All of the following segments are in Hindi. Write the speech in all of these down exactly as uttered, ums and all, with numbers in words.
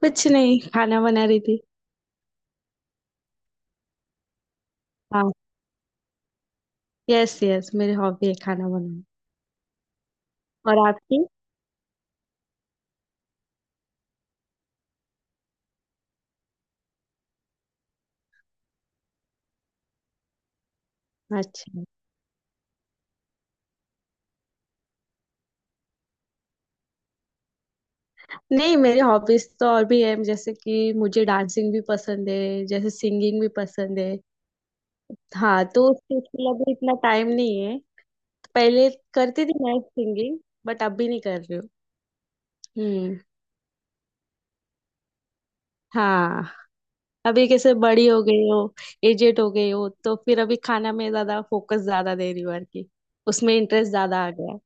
कुछ नहीं। खाना बना रही थी। हाँ। यस, यस, मेरी हॉबी है खाना बनाना। और आपकी? अच्छा। नहीं, मेरी हॉबीज तो और भी है, जैसे कि मुझे डांसिंग भी पसंद है, जैसे सिंगिंग भी पसंद है। हाँ, तो उस चीज के लिए अभी इतना टाइम नहीं है। पहले करती थी मैं सिंगिंग। बट अभी नहीं कर रही हूँ। हम्म। हाँ। अभी कैसे बड़ी हो गई हो। एजेड हो गई हो, तो फिर अभी खाना में ज्यादा फोकस ज्यादा दे रही हूँ। और की उसमें इंटरेस्ट ज्यादा आ गया।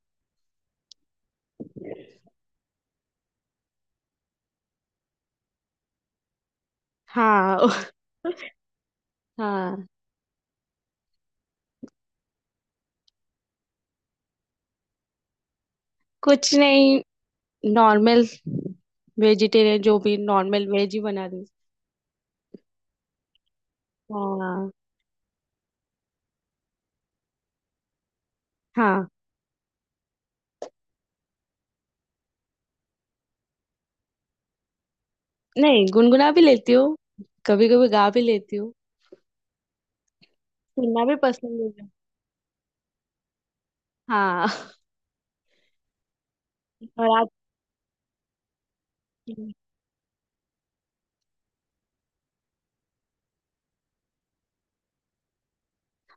हाँ। हाँ। कुछ नहीं। नॉर्मल। वेजिटेरियन, जो भी नॉर्मल वेज ही बना दी। हाँ। हाँ। नहीं, गुनगुना भी लेती हूँ। कभी कभी गा भी लेती हूँ। सुनना भी पसंद है। हाँ। और आप?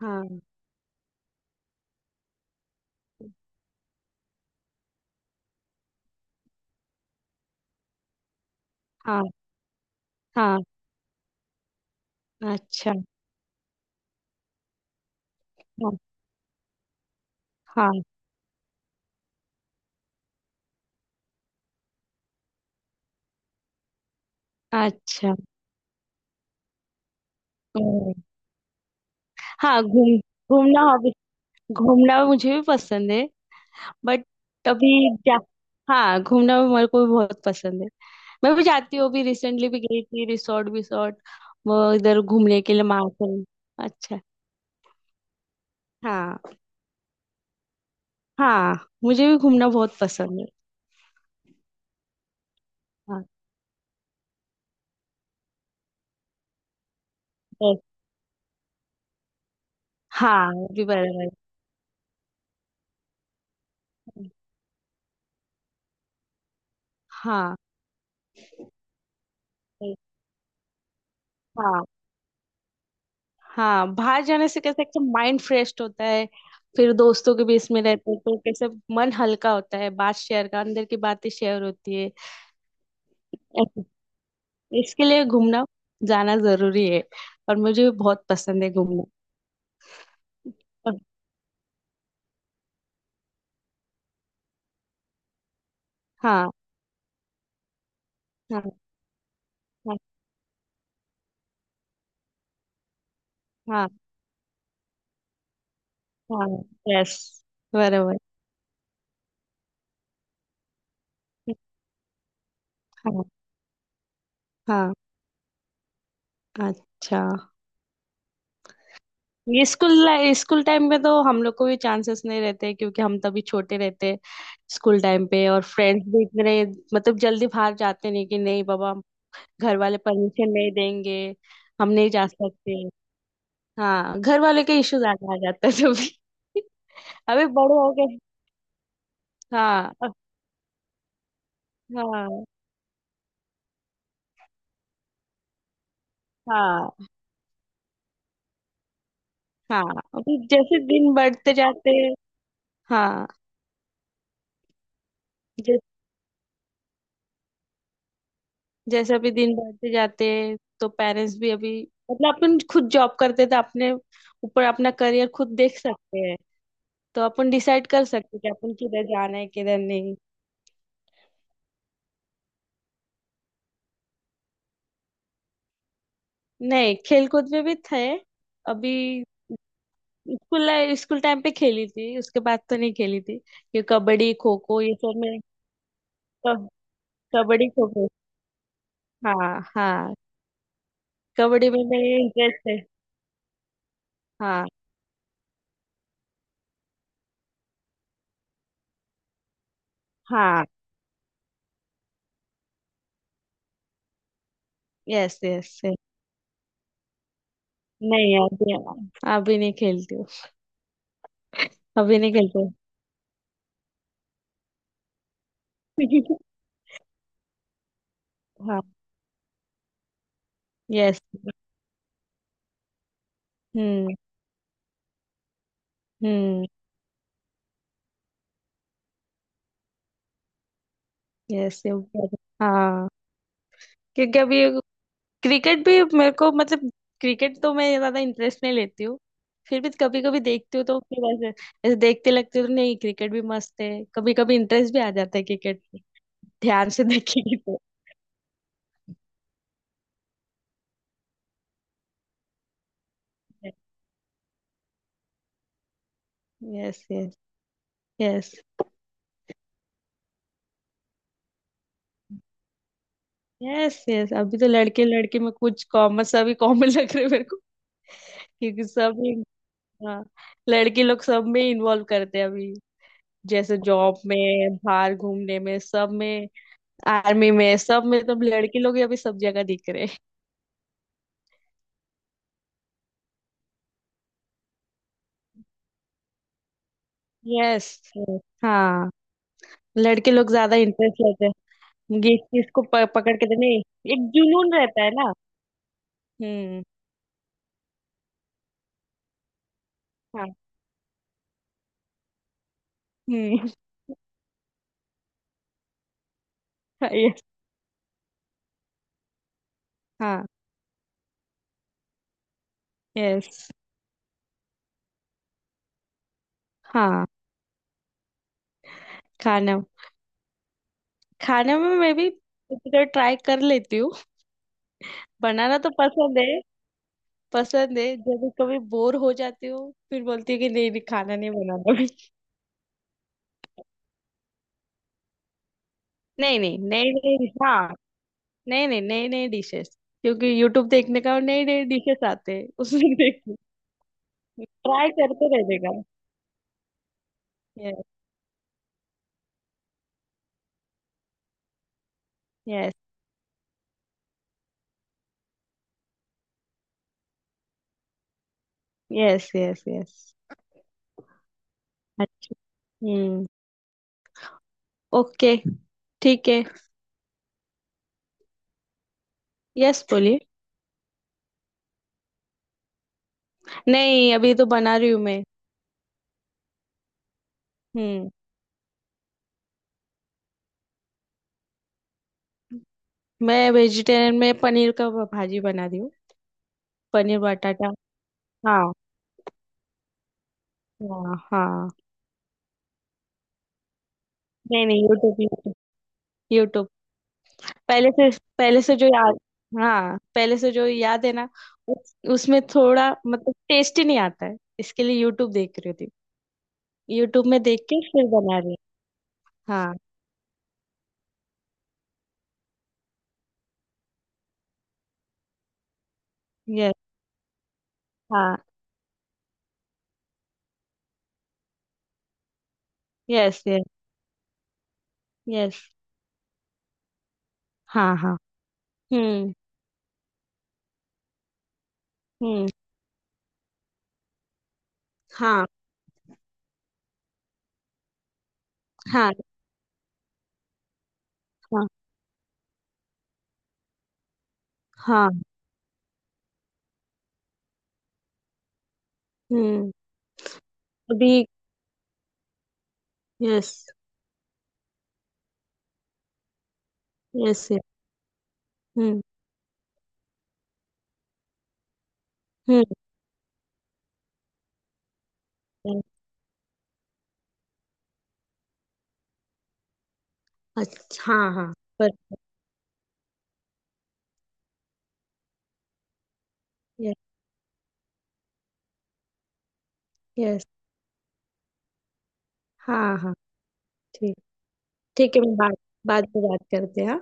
हाँ। हाँ। हाँ। अच्छा। हाँ। हाँ। अच्छा। ओ। हाँ, घूम, घूमना हॉबी। घूमना मुझे भी पसंद है। बट अभी जा हाँ, घूमना मेरे को भी बहुत पसंद है। मैं भी जाती हूँ, अभी रिसेंटली भी गई थी, रिसोर्ट विसोर्ट। वो इधर घूमने के लिए मार्केट। अच्छा। हाँ, हाँ मुझे भी घूमना बहुत पसंद है। हाँ। yes। हाँ, वो भी बराबर। हाँ। हाँ। हाँ, बाहर जाने से कैसे एकदम माइंड फ्रेश होता है। फिर दोस्तों के बीच में रहते हैं तो कैसे मन हल्का होता है, बात शेयर का, अंदर की बातें शेयर होती है। ऐसे- इसके लिए घूमना जाना जरूरी है। और मुझे भी बहुत पसंद है घूमना। और- हाँ। हाँ। हाँ। हाँ। हाँ। यस। बराबर। हाँ। हाँ। अच्छा। ये स्कूल, स्कूल टाइम में तो हम लोग को भी चांसेस नहीं रहते, क्योंकि हम तभी छोटे रहते। स्कूल टाइम पे और फ्रेंड्स भी इतने, मतलब जल्दी बाहर जाते नहीं कि नहीं बाबा, घर वाले परमिशन नहीं देंगे, हम नहीं जा सकते। हाँ, घर वाले के इश्यूज आ आ जाते हैं तभी। अभी बड़े हो गए। हाँ। अब- हाँ। हाँ। हाँ। अभी जैसे दिन बढ़ते जाते हैं। हाँ। जैसे अभी दिन बढ़ते जाते हैं तो पेरेंट्स भी अभी, मतलब अपन खुद जॉब करते तो अपने ऊपर अपना करियर खुद देख सकते हैं। तो अपन डिसाइड कर सकते हैं कि अपन किधर जाना है किधर नहीं। नहीं, खेल कूद में भी थे। अभी स्कूल, स्कूल टाइम पे खेली थी, उसके बाद तो नहीं खेली थी। ये कबड्डी, खो खो, ये सब में। कब, कबड्डी खो खो। हाँ, हाँ। कबड्डी में मेरे इंटरेस्ट है। हाँ। हाँ। Yes, yes. नहीं, अभी, अभी नहीं खेलती हूँ। अभी नहीं खेलती। हाँ। यस। हम्म। हम्म। यस। हाँ। क्योंकि अभी क्रिकेट भी मेरे को मतलब, क्रिकेट तो मैं ज्यादा इंटरेस्ट नहीं लेती हूँ। फिर भी कभी कभी देखती हूँ, तो फिर ऐसे, ऐसे देखते लगते हूँ तो नहीं, क्रिकेट भी मस्त है, कभी कभी इंटरेस्ट भी आ जाता है क्रिकेट में। ध्यान से देखेगी तो। Yes, yes. Yes. Yes, yes, अभी तो लड़के, लड़के में कुछ कॉमन, सभी कॉमन लग रहे हैं मेरे को। क्योंकि सब ही- हाँ, लड़के लोग सब में इन्वॉल्व करते हैं अभी। जैसे जॉब में, बाहर घूमने में सब में, आर्मी में सब में, तो लड़के लोग ही अभी सब जगह दिख रहे हैं। यस। हाँ। लड़के लोग ज्यादा इंटरेस्ट लेते हैं। ये चीज को प, पकड़ के तो नहीं, एक जुनून रहता है ना। हम्म। हाँ। हम्म। यस। हाँ। यस। हाँ। खाना, खाने में मैं भी तो ट्राई कर लेती हूँ। बनाना तो पसंद है। पसंद है, जब भी कभी बोर हो जाती हूँ फिर बोलती हूँ कि नहीं नहीं, खाना नहीं बनाना। अभी नहीं नहीं नहीं नहीं, हाँ नहीं नहीं, नई नई डिशेस, क्योंकि यूट्यूब देखने का और नई नई डिशेस आते हैं उसमें देख। ट्राई करते रहने का। Yes, yes, yes, yes. अच्छा। हम्म। ओके। ठीक है। यस, बोलिए। नहीं, अभी तो बना रही हूँ मैं। हम्म। मैं वेजिटेरियन में पनीर का भा- भाजी बना रही हूँ। पनीर बटाटा। हाँ। हाँ, हाँ। नहीं नहीं, यूट्यूब, यूट्यूब। पहले से, पहले से जो याद, हाँ पहले से जो याद है ना। उस, उसमें थोड़ा मतलब टेस्ट ही नहीं आता है, इसके लिए यूट्यूब देख रही थी। यूट्यूब में देख के फिर बना रही हूँ। हाँ। यस। हाँ। Yes, yes, yes. हाँ, हाँ। हम्म। हम्म। हाँ, हाँ, हाँ, हाँ। हम्म। अभी। Yes, yes. हम्म। हम्म। अच्छा। हाँ, हाँ। पर, यस, यस, हाँ, हाँ, ठीक। ठीक है, मैं बाद बाद में बात करते हैं, हाँ?